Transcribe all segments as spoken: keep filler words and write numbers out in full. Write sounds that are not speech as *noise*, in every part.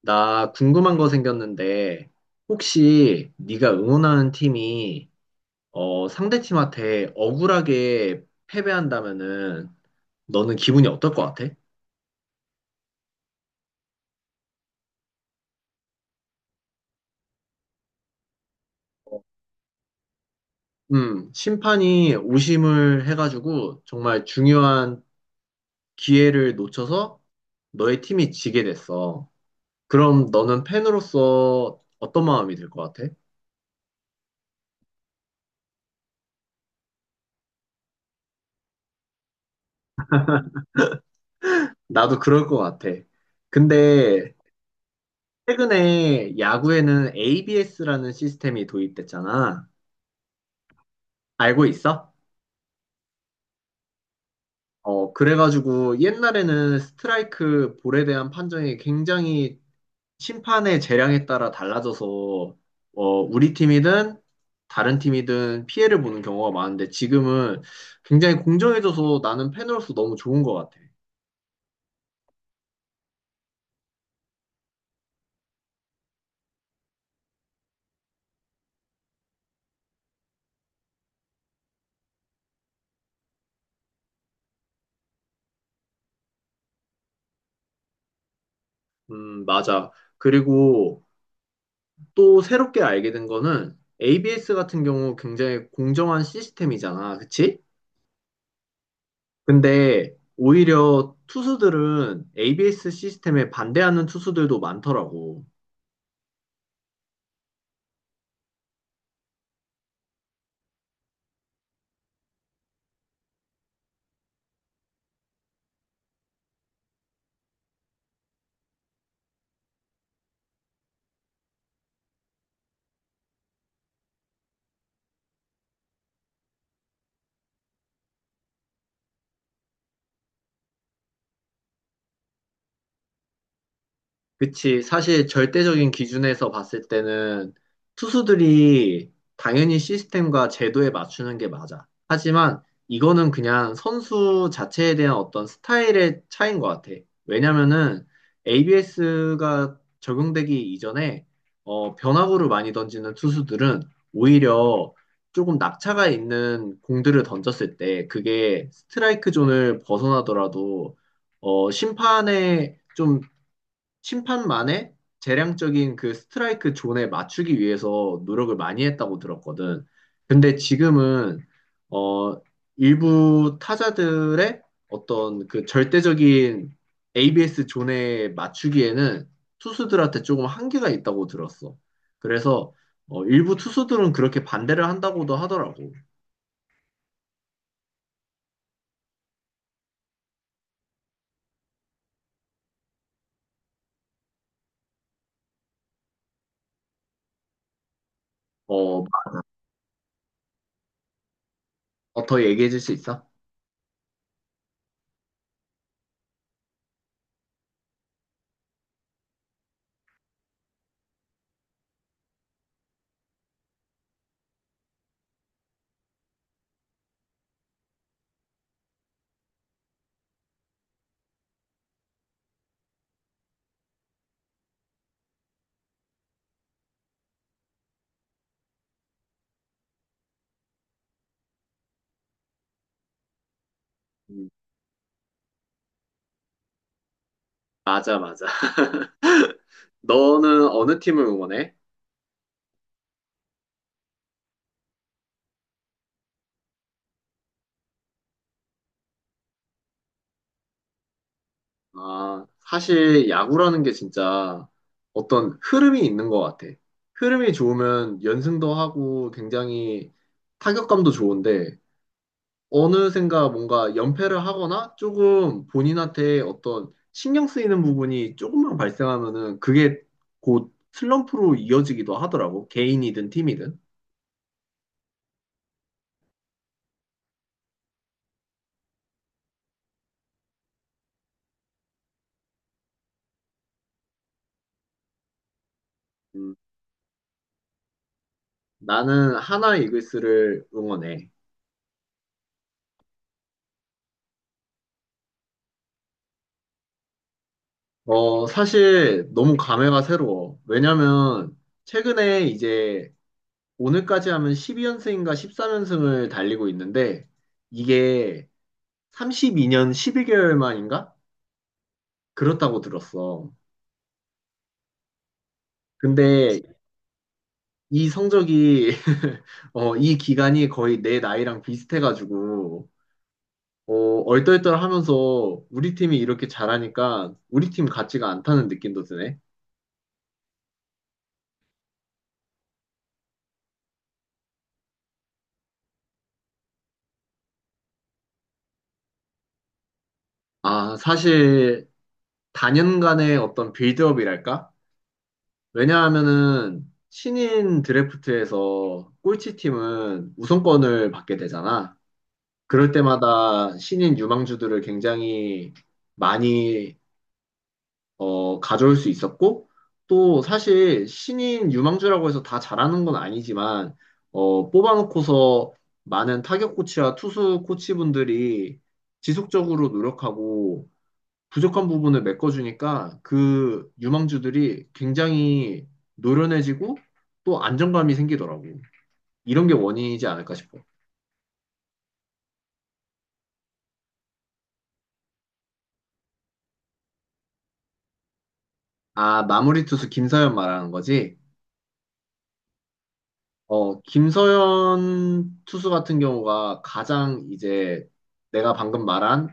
나 궁금한 거 생겼는데, 혹시 네가 응원하는 팀이 어, 상대 팀한테 억울하게 패배한다면은 너는 기분이 어떨 것 같아? 어, 음, 심판이 오심을 해가지고 정말 중요한 기회를 놓쳐서 너의 팀이 지게 됐어. 그럼 너는 팬으로서 어떤 마음이 들 것 같아? 나도 그럴 것 같아. 근데 최근에 야구에는 에이비에스라는 시스템이 도입됐잖아. 알고 있어? 어, 그래가지고 옛날에는 스트라이크 볼에 대한 판정이 굉장히 심판의 재량에 따라 달라져서 어, 우리 팀이든 다른 팀이든 피해를 보는 경우가 많은데 지금은 굉장히 공정해져서 나는 팬으로서 너무 좋은 것 같아. 음, 맞아. 그리고 또 새롭게 알게 된 거는 에이비에스 같은 경우 굉장히 공정한 시스템이잖아. 그치? 근데 오히려 투수들은 에이비에스 시스템에 반대하는 투수들도 많더라고. 그치. 사실 절대적인 기준에서 봤을 때는 투수들이 당연히 시스템과 제도에 맞추는 게 맞아. 하지만 이거는 그냥 선수 자체에 대한 어떤 스타일의 차이인 것 같아. 왜냐면은 에이비에스가 적용되기 이전에 어, 변화구를 많이 던지는 투수들은 오히려 조금 낙차가 있는 공들을 던졌을 때 그게 스트라이크 존을 벗어나더라도 어, 심판의 좀 심판만의 재량적인 그 스트라이크 존에 맞추기 위해서 노력을 많이 했다고 들었거든. 근데 지금은 어 일부 타자들의 어떤 그 절대적인 에이비에스 존에 맞추기에는 투수들한테 조금 한계가 있다고 들었어. 그래서 어 일부 투수들은 그렇게 반대를 한다고도 하더라고. 어, 어, 더 얘기해 줄 수 있어? 음, 맞아, 맞아. *laughs* 너는 어느 팀을 응원해? 아, 사실 야구라는 게 진짜 어떤 흐름이 있는 것 같아. 흐름이 좋으면 연승도 하고 굉장히 타격감도 좋은데 어느샌가 뭔가 연패를 하거나 조금 본인한테 어떤 신경 쓰이는 부분이 조금만 발생하면은 그게 곧 슬럼프로 이어지기도 하더라고. 개인이든 팀이든. 음, 나는 하나 이글스를 응원해. 어, 사실 너무 감회가 새로워. 왜냐면 최근에 이제 오늘까지 하면 십이 연승인가 십삼 연승을 달리고 있는데 이게 삼십이 년 십일 개월 만인가? 그렇다고 들었어. 근데 이 성적이 *laughs* 어, 이 기간이 거의 내 나이랑 비슷해가지고 어, 얼떨떨하면서 우리 팀이 이렇게 잘하니까 우리 팀 같지가 않다는 느낌도 드네. 아, 사실 단연간의 어떤 빌드업이랄까? 왜냐하면은 신인 드래프트에서 꼴찌팀은 우선권을 받게 되잖아. 그럴 때마다 신인 유망주들을 굉장히 많이 어, 가져올 수 있었고 또 사실 신인 유망주라고 해서 다 잘하는 건 아니지만 어, 뽑아놓고서 많은 타격 코치와 투수 코치분들이 지속적으로 노력하고 부족한 부분을 메꿔주니까 그 유망주들이 굉장히 노련해지고 또 안정감이 생기더라고. 이런 게 원인이지 않을까 싶어. 아, 마무리 투수 김서현 말하는 거지? 어, 김서현 투수 같은 경우가 가장 이제 내가 방금 말한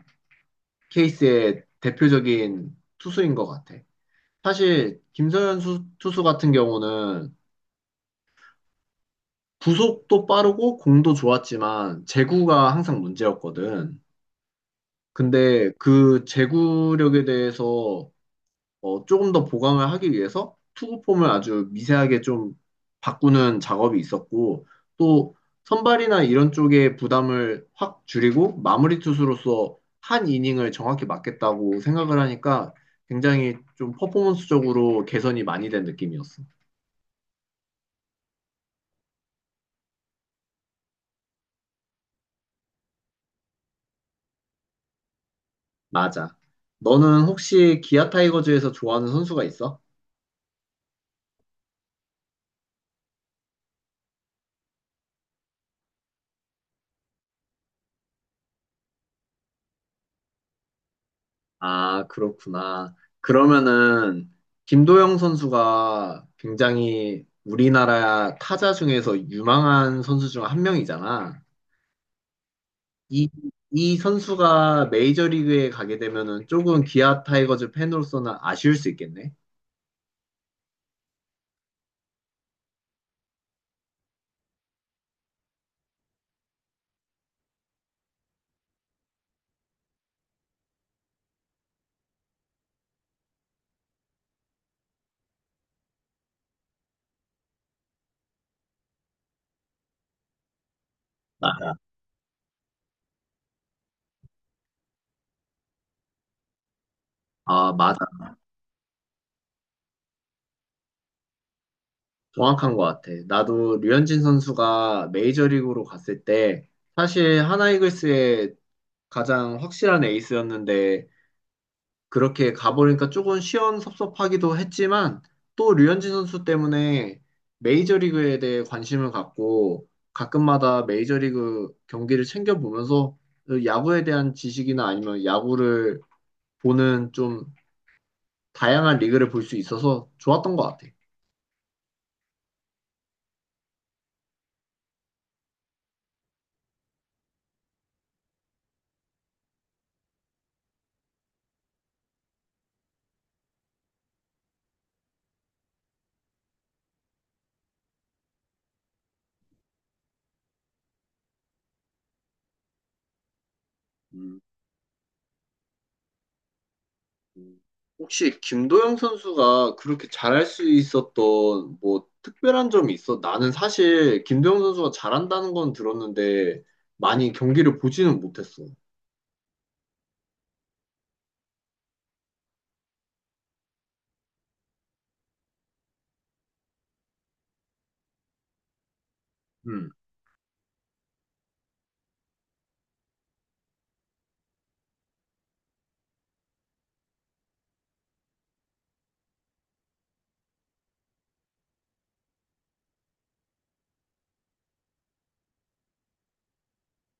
케이스의 대표적인 투수인 것 같아. 사실 김서현 수- 투수 같은 경우는 구속도 빠르고 공도 좋았지만 제구가 항상 문제였거든. 근데 그 제구력에 대해서 어, 조금 더 보강을 하기 위해서 투구폼을 아주 미세하게 좀 바꾸는 작업이 있었고 또 선발이나 이런 쪽에 부담을 확 줄이고 마무리 투수로서 한 이닝을 정확히 맞겠다고 생각을 하니까 굉장히 좀 퍼포먼스적으로 개선이 많이 된 느낌이었어. 맞아. 너는 혹시 기아 타이거즈에서 좋아하는 선수가 있어? 아, 그렇구나. 그러면은 김도영 선수가 굉장히 우리나라 타자 중에서 유망한 선수 중 한 명이잖아. 이, 이 선수가 메이저리그에 가게 되면은 조금 기아 타이거즈 팬으로서는 아쉬울 수 있겠네. 아, 맞아. 정확한 것 같아. 나도 류현진 선수가 메이저리그로 갔을 때 사실 하나이글스의 가장 확실한 에이스였는데 그렇게 가보니까 조금 시원섭섭하기도 했지만 또 류현진 선수 때문에 메이저리그에 대해 관심을 갖고 가끔마다 메이저리그 경기를 챙겨보면서 야구에 대한 지식이나 아니면 야구를 보는 좀 다양한 리그를 볼 수 있어서 좋았던 것 같아. 음, 음. 혹시 김도영 선수가 그렇게 잘할 수 있었던 뭐 특별한 점이 있어? 나는 사실 김도영 선수가 잘한다는 건 들었는데 많이 경기를 보지는 못했어. 음,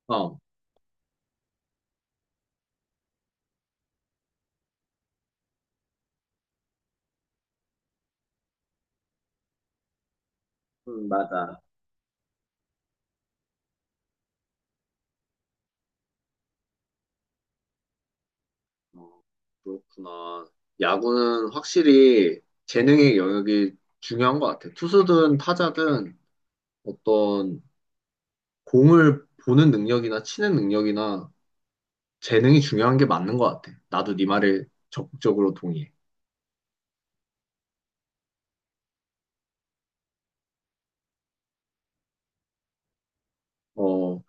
어, 음, 맞아. 어, 그렇구나. 야구는 확실히 재능의 영역이 중요한 것 같아. 투수든 타자든 어떤 공을 보는 능력이나 치는 능력이나 재능이 중요한 게 맞는 것 같아. 나도 네 말에 적극적으로 동의해. 어,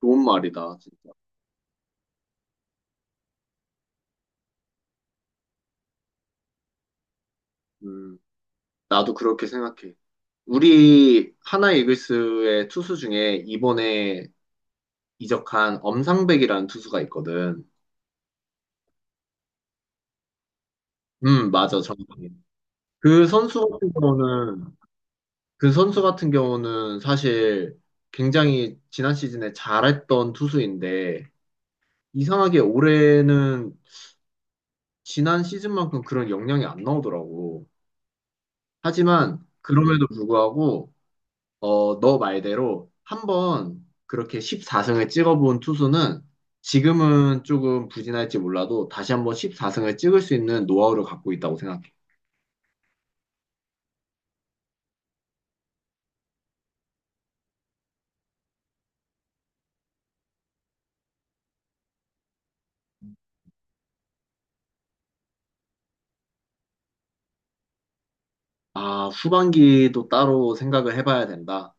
좋은 말이다, 진짜. 음, 나도 그렇게 생각해. 우리 하나 이글스의 투수 중에 이번에 이적한 엄상백이라는 투수가 있거든. 음, 맞아, 정확해. 그 선수 같은 경우는, 그 선수 같은 경우는 사실 굉장히 지난 시즌에 잘했던 투수인데, 이상하게 올해는 지난 시즌만큼 그런 역량이 안 나오더라고. 하지만, 그럼에도 불구하고, 어, 너 말대로 한 번 그렇게 십사 승을 찍어본 투수는 지금은 조금 부진할지 몰라도 다시 한번 십사 승을 찍을 수 있는 노하우를 갖고 있다고 생각해. 아, 후반기도 따로 생각을 해봐야 된다.